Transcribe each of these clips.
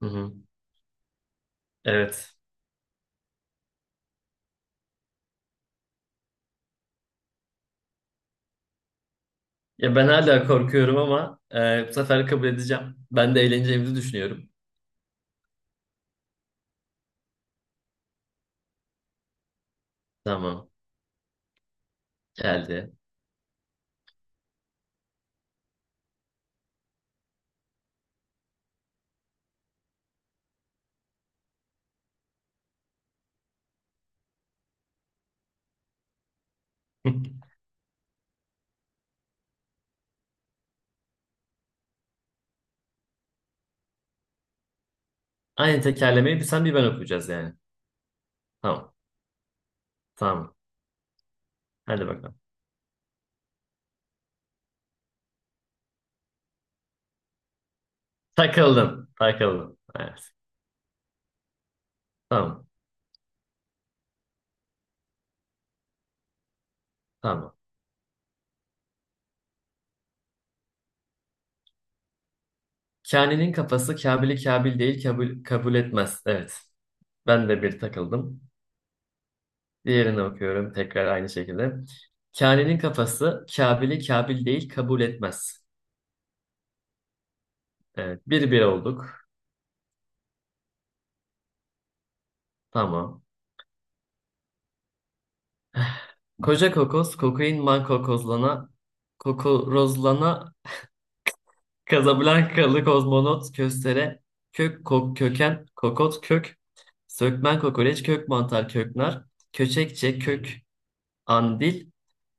Hı hı. Evet. Ya ben hala korkuyorum ama bu sefer kabul edeceğim. Ben de eğleneceğimizi düşünüyorum. Tamam. Geldi. Aynı tekerlemeyi bir sen bir ben okuyacağız yani. Tamam. Tamam. Hadi bakalım. Takıldın. Takıldın. Evet. Tamam. Tamam. Kani'nin kafası Kabil'i Kabil değil kabul etmez. Evet. Ben de bir takıldım. Diğerini okuyorum tekrar aynı şekilde. Kani'nin kafası Kabil'i Kabil değil kabul etmez. Evet. Bir bir olduk. Tamam. Koca kokoz, kokain man kokozlana, kokorozlana, Kazablankalı kozmonot köstere, kök kok köken, kokot kök, sökmen kokoreç, kök mantar, köknar, köçekçe, kök andil,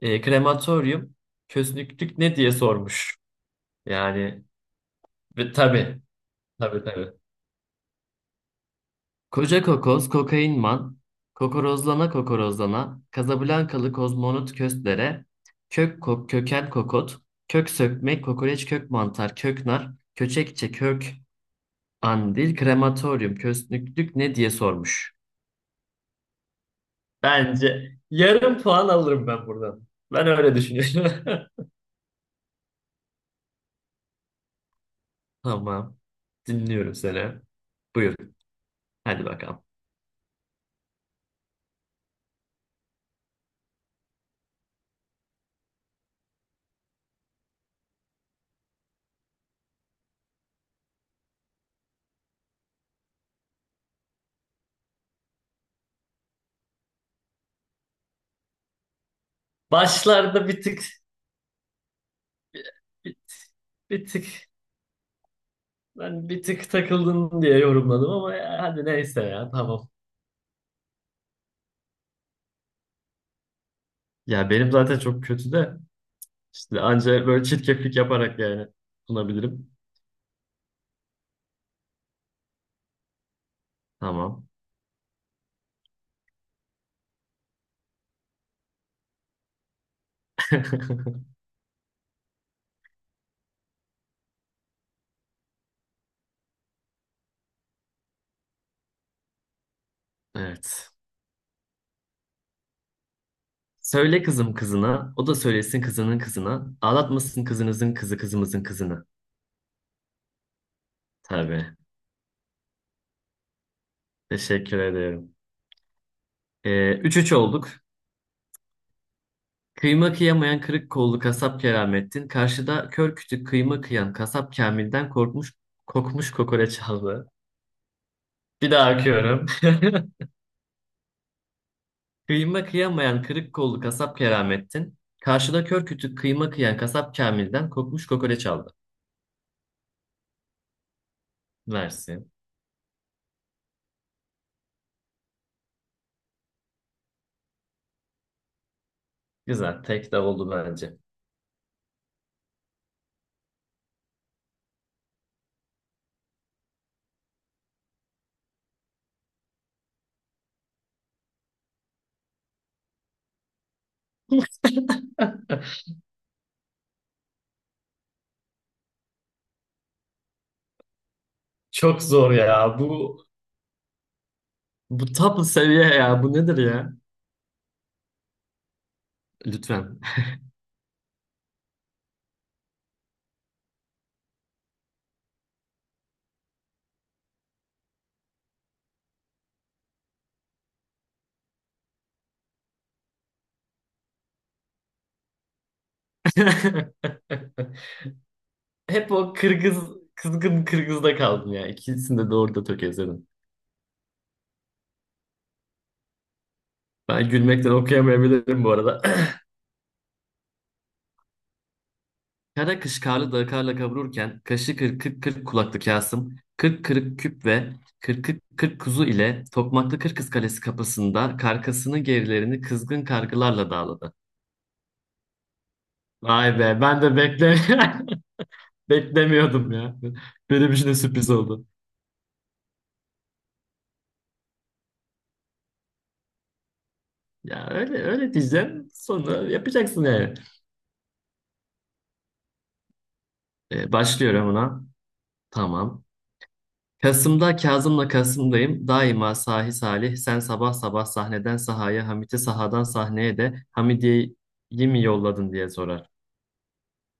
krematoryum, kösnüklük ne diye sormuş. Yani ve tabii, tabii tabii. Koca kokoz, kokainman, kokorozlana kokorozlana, Kazablankalı kozmonot köstlere, kök kok, köken kokot, kök sökmek, kokoreç, kök mantar, kök nar, köçekçe, kök andil, krematoryum, kösnüklük ne diye sormuş. Bence yarım puan alırım ben buradan. Ben öyle düşünüyorum. Tamam, dinliyorum seni. Buyur, hadi bakalım. Başlarda bir tık, bir, bir tık. Ben bir tık takıldın diye yorumladım ama ya, hadi neyse ya tamam. Ya benim zaten çok kötü de işte anca böyle çirkeflik yaparak yani sunabilirim. Tamam. Evet. Söyle kızım kızına, o da söylesin kızının kızına. Ağlatmasın kızınızın kızı kızımızın kızını. Tabii. Teşekkür ederim. 3-3 olduk. Kıyma kıyamayan kırık kollu kasap Keramettin. Karşıda kör kütük kıyma kıyan kasap Kamil'den korkmuş kokmuş kokoreç aldı. Bir daha okuyorum. Kıyma kıyamayan kırık kollu kasap Keramettin, karşıda kör kütük kıyma kıyan kasap Kamil'den kokmuş kokoreç aldı. Versin. Güzel. Tek de oldu bence. Çok zor ya. Bu top seviye ya. Bu nedir ya? Lütfen. Hep o Kırgız, kızgın Kırgız'da kaldım ya. İkisini de doğru da tökezledim. Ben gülmekten okuyamayabilirim bu arada. Kara kış karlı dağı karla kavururken kaşı kırk kırk kırk kulaklı Kasım, kırk kırık küp ve kırk kırk kırk kuzu ile Tokmaklı Kırkız Kalesi kapısında karkasının gerilerini kızgın kargılarla dağladı. Vay be ben de beklemiyordum ya. Benim için de sürpriz oldu. Ya öyle öyle diyeceğim sonra yapacaksın yani. Başlıyorum ona. Tamam. Kasım'da Kazım'la Kasım'dayım. Daima sahi salih. Sen sabah sabah sahneden sahaya, Hamit'i sahadan sahneye de Hamidiye'yi mi yolladın diye sorar.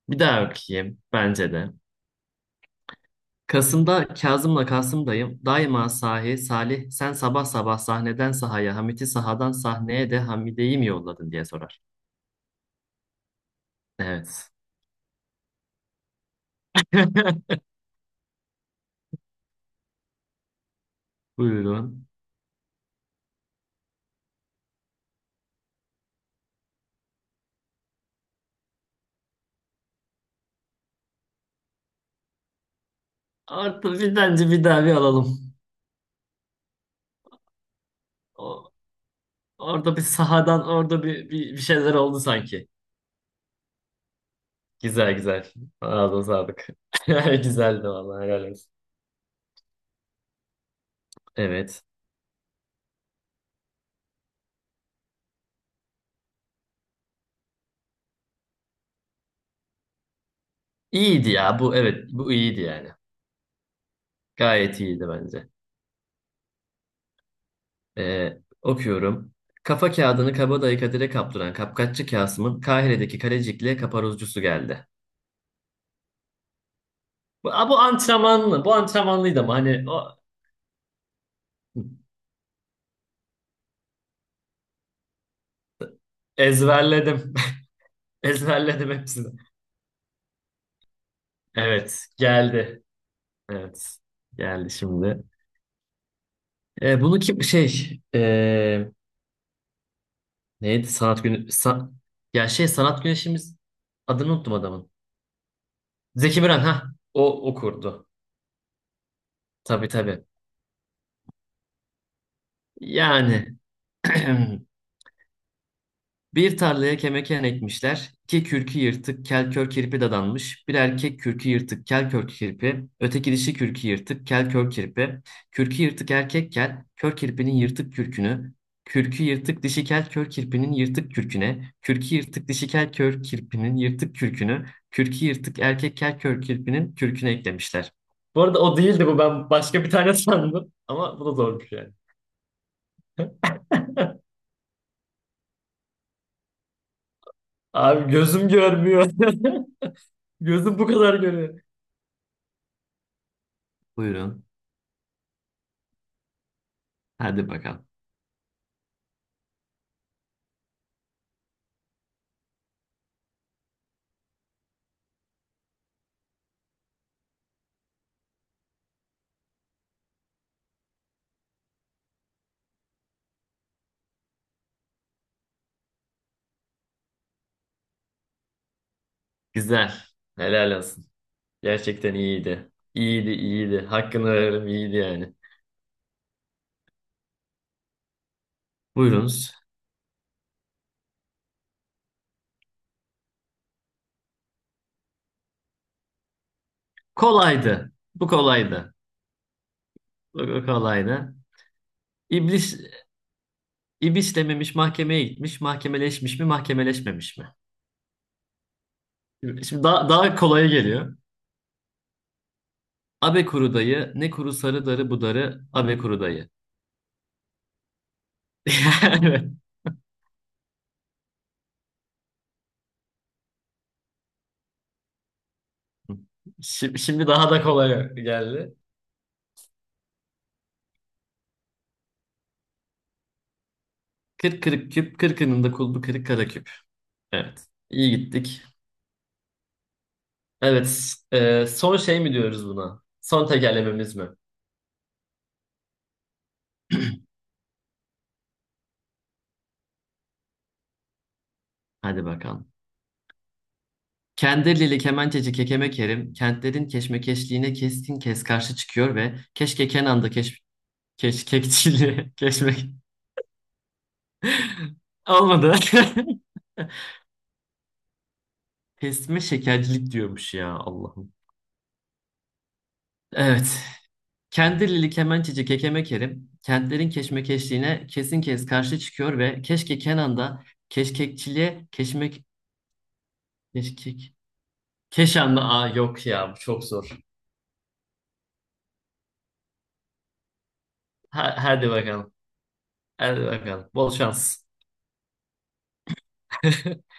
Bir daha okuyayım. Bence de. Kasım'da Kazım'la Kasım'dayım. Daima sahi salih. Sen sabah sabah sahneden sahaya, Hamit'i sahadan sahneye de Hamidiye'yi mi yolladın diye sorar. Evet. Buyurun. Orada bir bence bir daha bir alalım. O- Orada bir sahadan orada bir şeyler oldu sanki. Güzel güzel. Ağzına sağlık. Güzeldi vallahi helal olsun. Evet. İyiydi ya bu evet bu iyiydi yani. Gayet iyiydi bence. Okuyorum. Kafa kağıdını kabadayı Kadir'e kaptıran kapkaççı Kasım'ın Kahire'deki kalecikle kaparuzcusu geldi. Bu antrenmanlı. Bu antrenmanlıydı ama hani o, ezberledim. Ezberledim hepsini. Evet geldi. Evet geldi şimdi. Bunu kim şey Neydi sanat günü? Ya şey sanat güneşimiz adını unuttum adamın. Zeki Müren ha o okurdu. Tabii tabii. Yani Bir tarlaya kemeken ekmişler. İki kürkü yırtık kel kör kirpi dadanmış. Bir erkek kürkü yırtık kel kör kirpi. Öteki dişi kürkü yırtık kel kör kirpi. Kürkü yırtık erkek kel. Kör kirpinin yırtık kürkünü. Kürkü yırtık dişi kel kör kirpinin yırtık kürküne. Kürkü yırtık dişi kel kör kirpinin yırtık kürkünü. Kürkü yırtık erkek kel kör kirpinin kürküne eklemişler. Bu arada o değildi bu. Ben başka bir tane sandım. Ama bu da zormuş yani. Abi gözüm görmüyor. Gözüm bu kadar görüyor. Buyurun. Hadi bakalım. Güzel. Helal olsun. Gerçekten iyiydi. İyiydi, iyiydi. Hakkını veririm, iyiydi yani. Buyurunuz. Kolaydı. Bu kolaydı. Bu kolaydı. İblis, ibis dememiş mahkemeye gitmiş. Mahkemeleşmiş mi, mahkemeleşmemiş mi? Şimdi şimdi daha, daha kolaya geliyor. Abe kuru dayı, ne kuru sarı darı bu darı, abe kuru dayı. Evet. Şimdi daha da kolay geldi. Kırk kırık küp, kırkının da kulbu kırık kara küp. Evet. İyi gittik. Evet. Son şey mi diyoruz buna? Son tekerlememiz mi? Hadi bakalım. Kendirlili kemençeci Kekeme Kerim kentlerin keşmekeşliğine keskin kes karşı çıkıyor ve keşke Kenan'da keş, keşkekçiliğe keşmek olmadı. Kesme şekercilik diyormuş ya Allah'ım. Evet. Kendirlili kemençeci Kekeme Kerim kentlerin keşmekeşliğine kesin kez karşı çıkıyor ve keşke Kenan'da keşkekçiliğe keşmek keşkek Keşanlı A yok ya bu çok zor. Hadi bakalım. Hadi bakalım. Bol şans.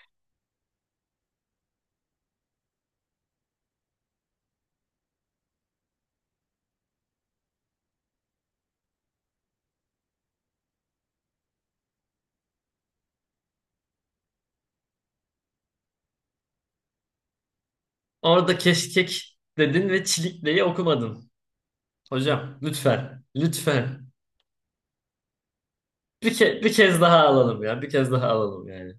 Orada keşkek dedin ve çilikleyi okumadın. Hocam lütfen. Lütfen. Bir kez daha alalım ya. Bir kez daha alalım yani.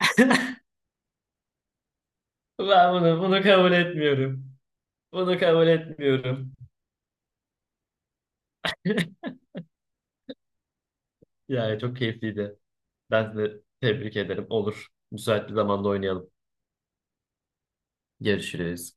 Ben bunu kabul etmiyorum. Bunu kabul etmiyorum. Yani çok keyifliydi. Ben de tebrik ederim. Olur. Müsait bir zamanda oynayalım. Görüşürüz.